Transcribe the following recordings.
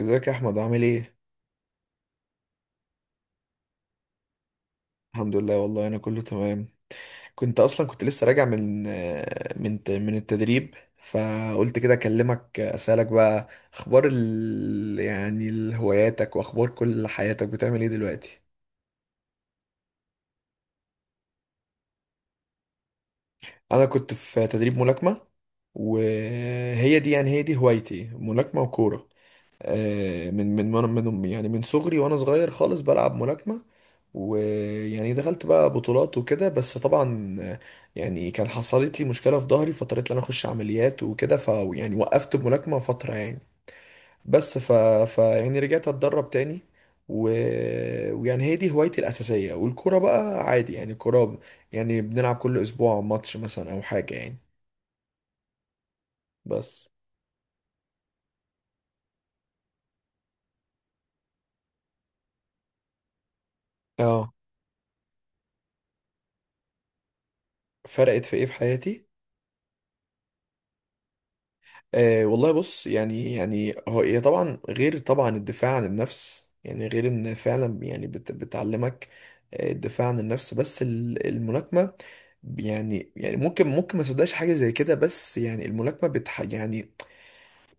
ازيك يا احمد؟ عامل ايه؟ الحمد لله والله، انا كله تمام. كنت اصلا كنت لسه راجع من التدريب، فقلت كده اكلمك اسالك بقى اخبار هواياتك واخبار كل حياتك، بتعمل ايه دلوقتي؟ انا كنت في تدريب ملاكمة. وهي دي يعني هي دي هوايتي، ملاكمة وكورة. من يعني من صغري وانا صغير خالص بلعب ملاكمة. ويعني دخلت بقى بطولات وكده، بس طبعا يعني كان حصلت لي مشكلة في ظهري، فاضطريت ان انا اخش عمليات وكده. ف يعني وقفت الملاكمة فترة يعني، بس ف, ف يعني رجعت اتدرب تاني. و... ويعني هي دي هوايتي الأساسية، والكورة بقى عادي يعني الكورة. يعني بنلعب كل أسبوع ماتش مثلا أو حاجة يعني. بس اه، فرقت في ايه في حياتي؟ أه والله بص، يعني يعني هو هي طبعا، غير طبعا الدفاع عن النفس، يعني غير ان فعلا يعني بتعلمك الدفاع عن النفس. بس الملاكمة يعني يعني ممكن ما تصدقش حاجة زي كده، بس يعني الملاكمة يعني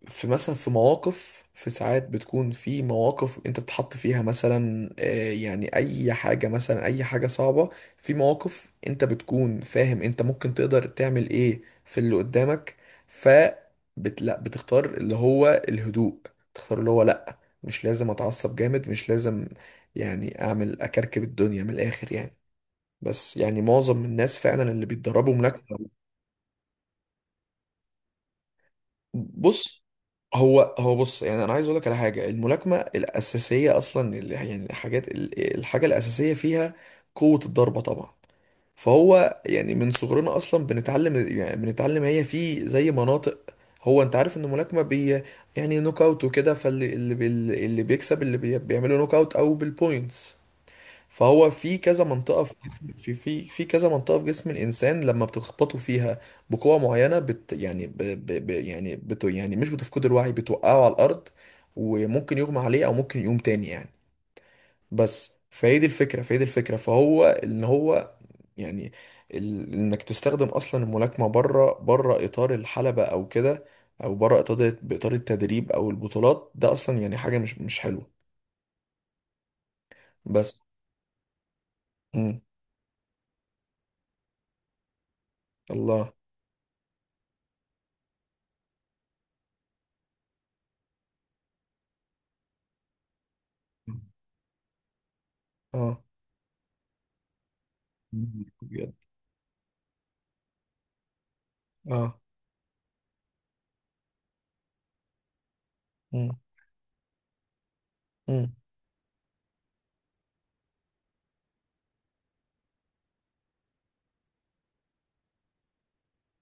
في مثلا في مواقف في ساعات بتكون في مواقف انت بتحط فيها مثلا، يعني اي حاجة صعبة. في مواقف انت بتكون فاهم انت ممكن تقدر تعمل ايه في اللي قدامك. ف لا، بتختار اللي هو الهدوء. تختار اللي هو لا، مش لازم اتعصب جامد، مش لازم يعني اعمل اكركب الدنيا من الاخر يعني. بس يعني معظم الناس فعلا اللي بيتدربوا ملاكمة. بص، هو بص، يعني انا عايز اقول لك على حاجه. الملاكمه الاساسيه اصلا، اللي يعني الحاجه الاساسيه فيها قوه الضربه طبعا. فهو يعني من صغرنا اصلا بنتعلم، يعني بنتعلم هي في زي مناطق. هو انت عارف ان الملاكمه بي يعني نوك اوت وكده، فاللي اللي بي اللي بيكسب اللي بي بيعمله نوك اوت او بالبوينتس. فهو في كذا منطقة في جسم في في في كذا منطقة في جسم الإنسان، لما بتخبطوا فيها بقوة معينة بت يعني ب ب ب يعني بت يعني مش بتفقد الوعي، بتوقعه على الأرض، وممكن يغمى عليه أو ممكن يقوم تاني يعني. بس فهي دي الفكرة، فهو إن هو يعني إنك تستخدم أصلا الملاكمة بره إطار الحلبة أو كده، أو بره إطار بإطار التدريب أو البطولات، ده أصلا يعني حاجة مش حلوة. بس مم. الله. اه. اه. مم. مم.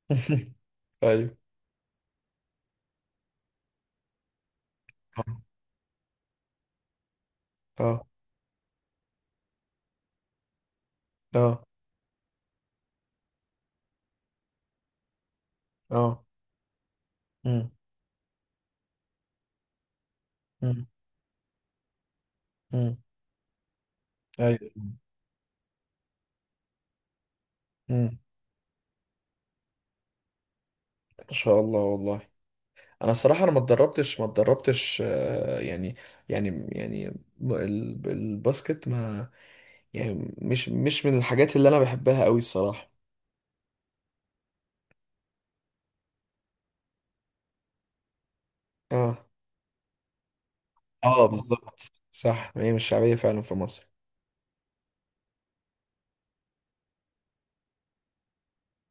ايوه. اه. اه. اه. اه. مم. مم. مم. ايوه. مم. ما شاء الله والله. انا الصراحه، انا ما اتدربتش يعني يعني يعني الباسكت ما يعني مش من الحاجات اللي انا بحبها قوي الصراحه. اه. اه بالظبط. صح، ما هي مش شعبيه فعلا في مصر.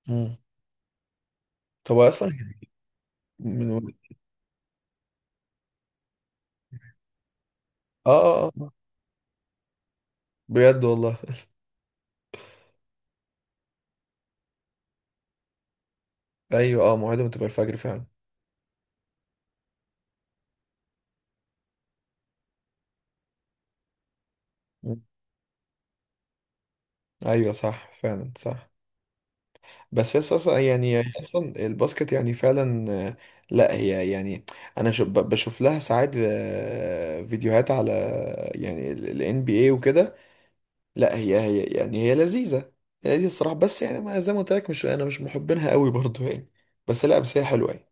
مم. طب هو اصلا من، اه، آه. بجد والله. ايوه، اه، موعدهم تبقى الفجر فعلا. ايوه، صح فعلا، صح. بس هي اصلا يعني هي اصلا الباسكت يعني فعلا، لا هي يعني انا بشوف لها ساعات فيديوهات على يعني الان بي اي وكده. لا، هي يعني هي لذيذه. هي لذيذه الصراحه، بس يعني زي ما قلت لك، مش انا مش محبينها قوي برضو يعني. بس لا، بس هي حلوه يعني.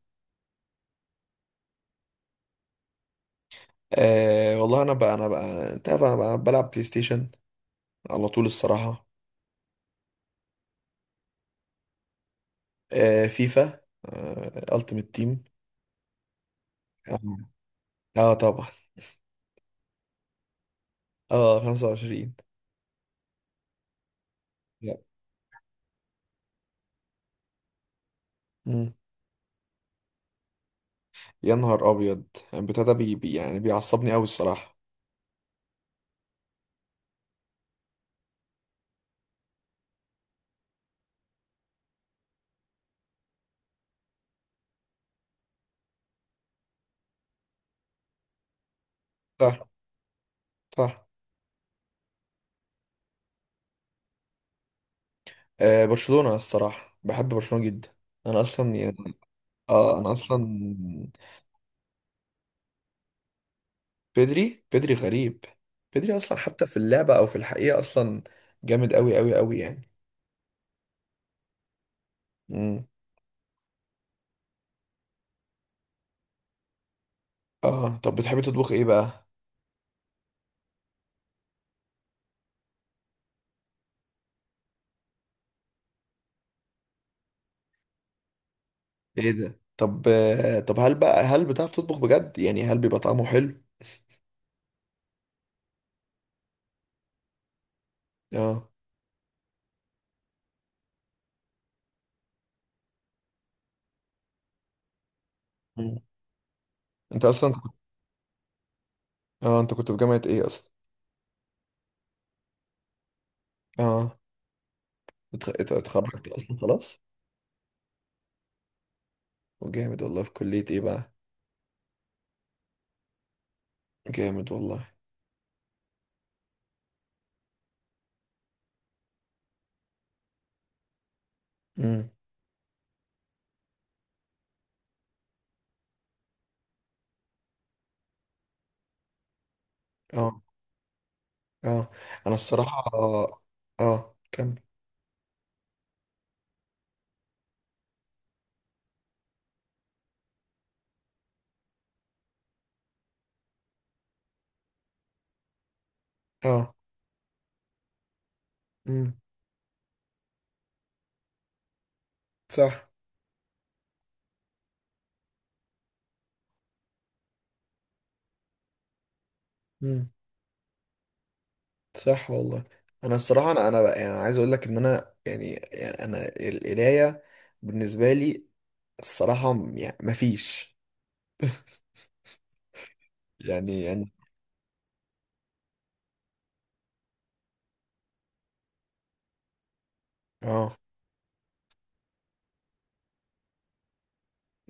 أه والله، انا بقى انت عارف، انا بقى بلعب بلاي ستيشن على طول الصراحه. أه فيفا، أه التيمت تيم. اه. آه طبعا. اه، 25. مم. يا نهار ابيض، البتاع ده يعني بيعصبني قوي الصراحه. صح. صح. آه برشلونه الصراحه، بحب برشلونه جدا. انا اصلا يعني، اه انا اصلا، بيدري بيدري غريب. بيدري اصلا حتى في اللعبه او في الحقيقه اصلا، جامد قوي قوي قوي يعني. مم. اه، طب بتحبي تطبخ ايه بقى؟ ايه ده؟ طب آه، طب هل بقى، هل بتعرف تطبخ بجد يعني؟ هل بيبقى طعمه حلو؟ اه. مم. انت اصلا اه، انت كنت في جامعه ايه اصلا؟ اه اتخرجت اصلا خلاص؟ وجامد والله، في كلية ايه بقى؟ جامد والله. امم. اه. اه. انا الصراحة. اه كمل. اه. امم. صح. امم. صح والله. انا الصراحة، انا انا يعني عايز اقول لك ان انا يعني، يعني انا القراية بالنسبة لي الصراحة يعني مفيش يعني يعني. اه.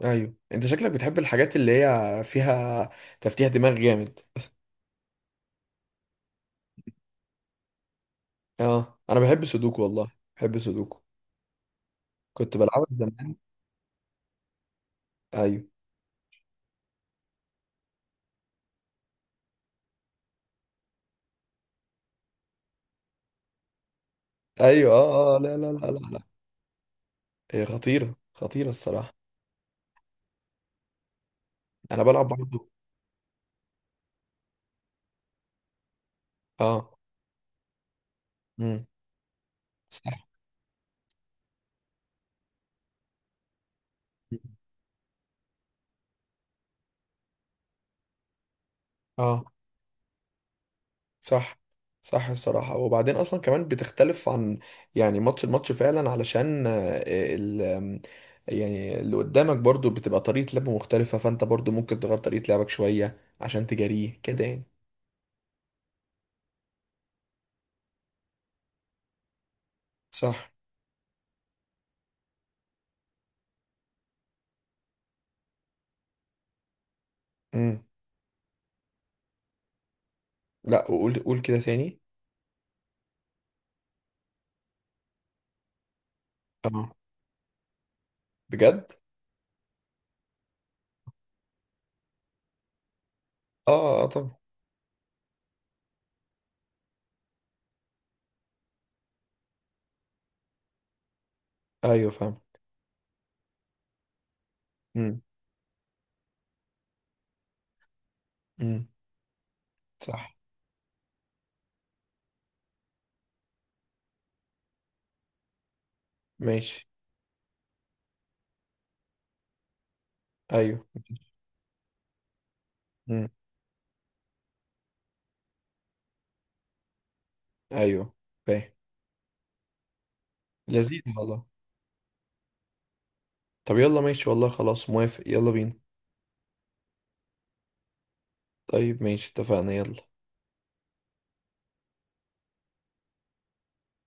ايوه، انت شكلك بتحب الحاجات اللي هي فيها تفتيح دماغ جامد. اه، انا بحب سودوكو والله، بحب سودوكو، كنت بلعبها زمان. ايوه. ايوه اه اه، لا لا لا لا لا. هي خطيره خطيره الصراحه. انا بلعب برضه. اه. امم. صح. اه. صح صح الصراحه، وبعدين اصلا كمان بتختلف عن يعني الماتش فعلا، علشان آه، ال آم، يعني اللي قدامك برضه بتبقى طريقه لعبه مختلفه، فانت برضه ممكن تغير طريقه لعبك شويه عشان تجاريه كده يعني. صح. امم. لا قول، قول كده ثاني. اه بجد. اه اه طبعا. ايوه فاهم. امم. امم. صح. ماشي. ايوه. مم. ايوه فاهم. لذيذ والله. طب يلا ماشي والله، خلاص موافق، يلا بينا. طيب ماشي، اتفقنا، يلا.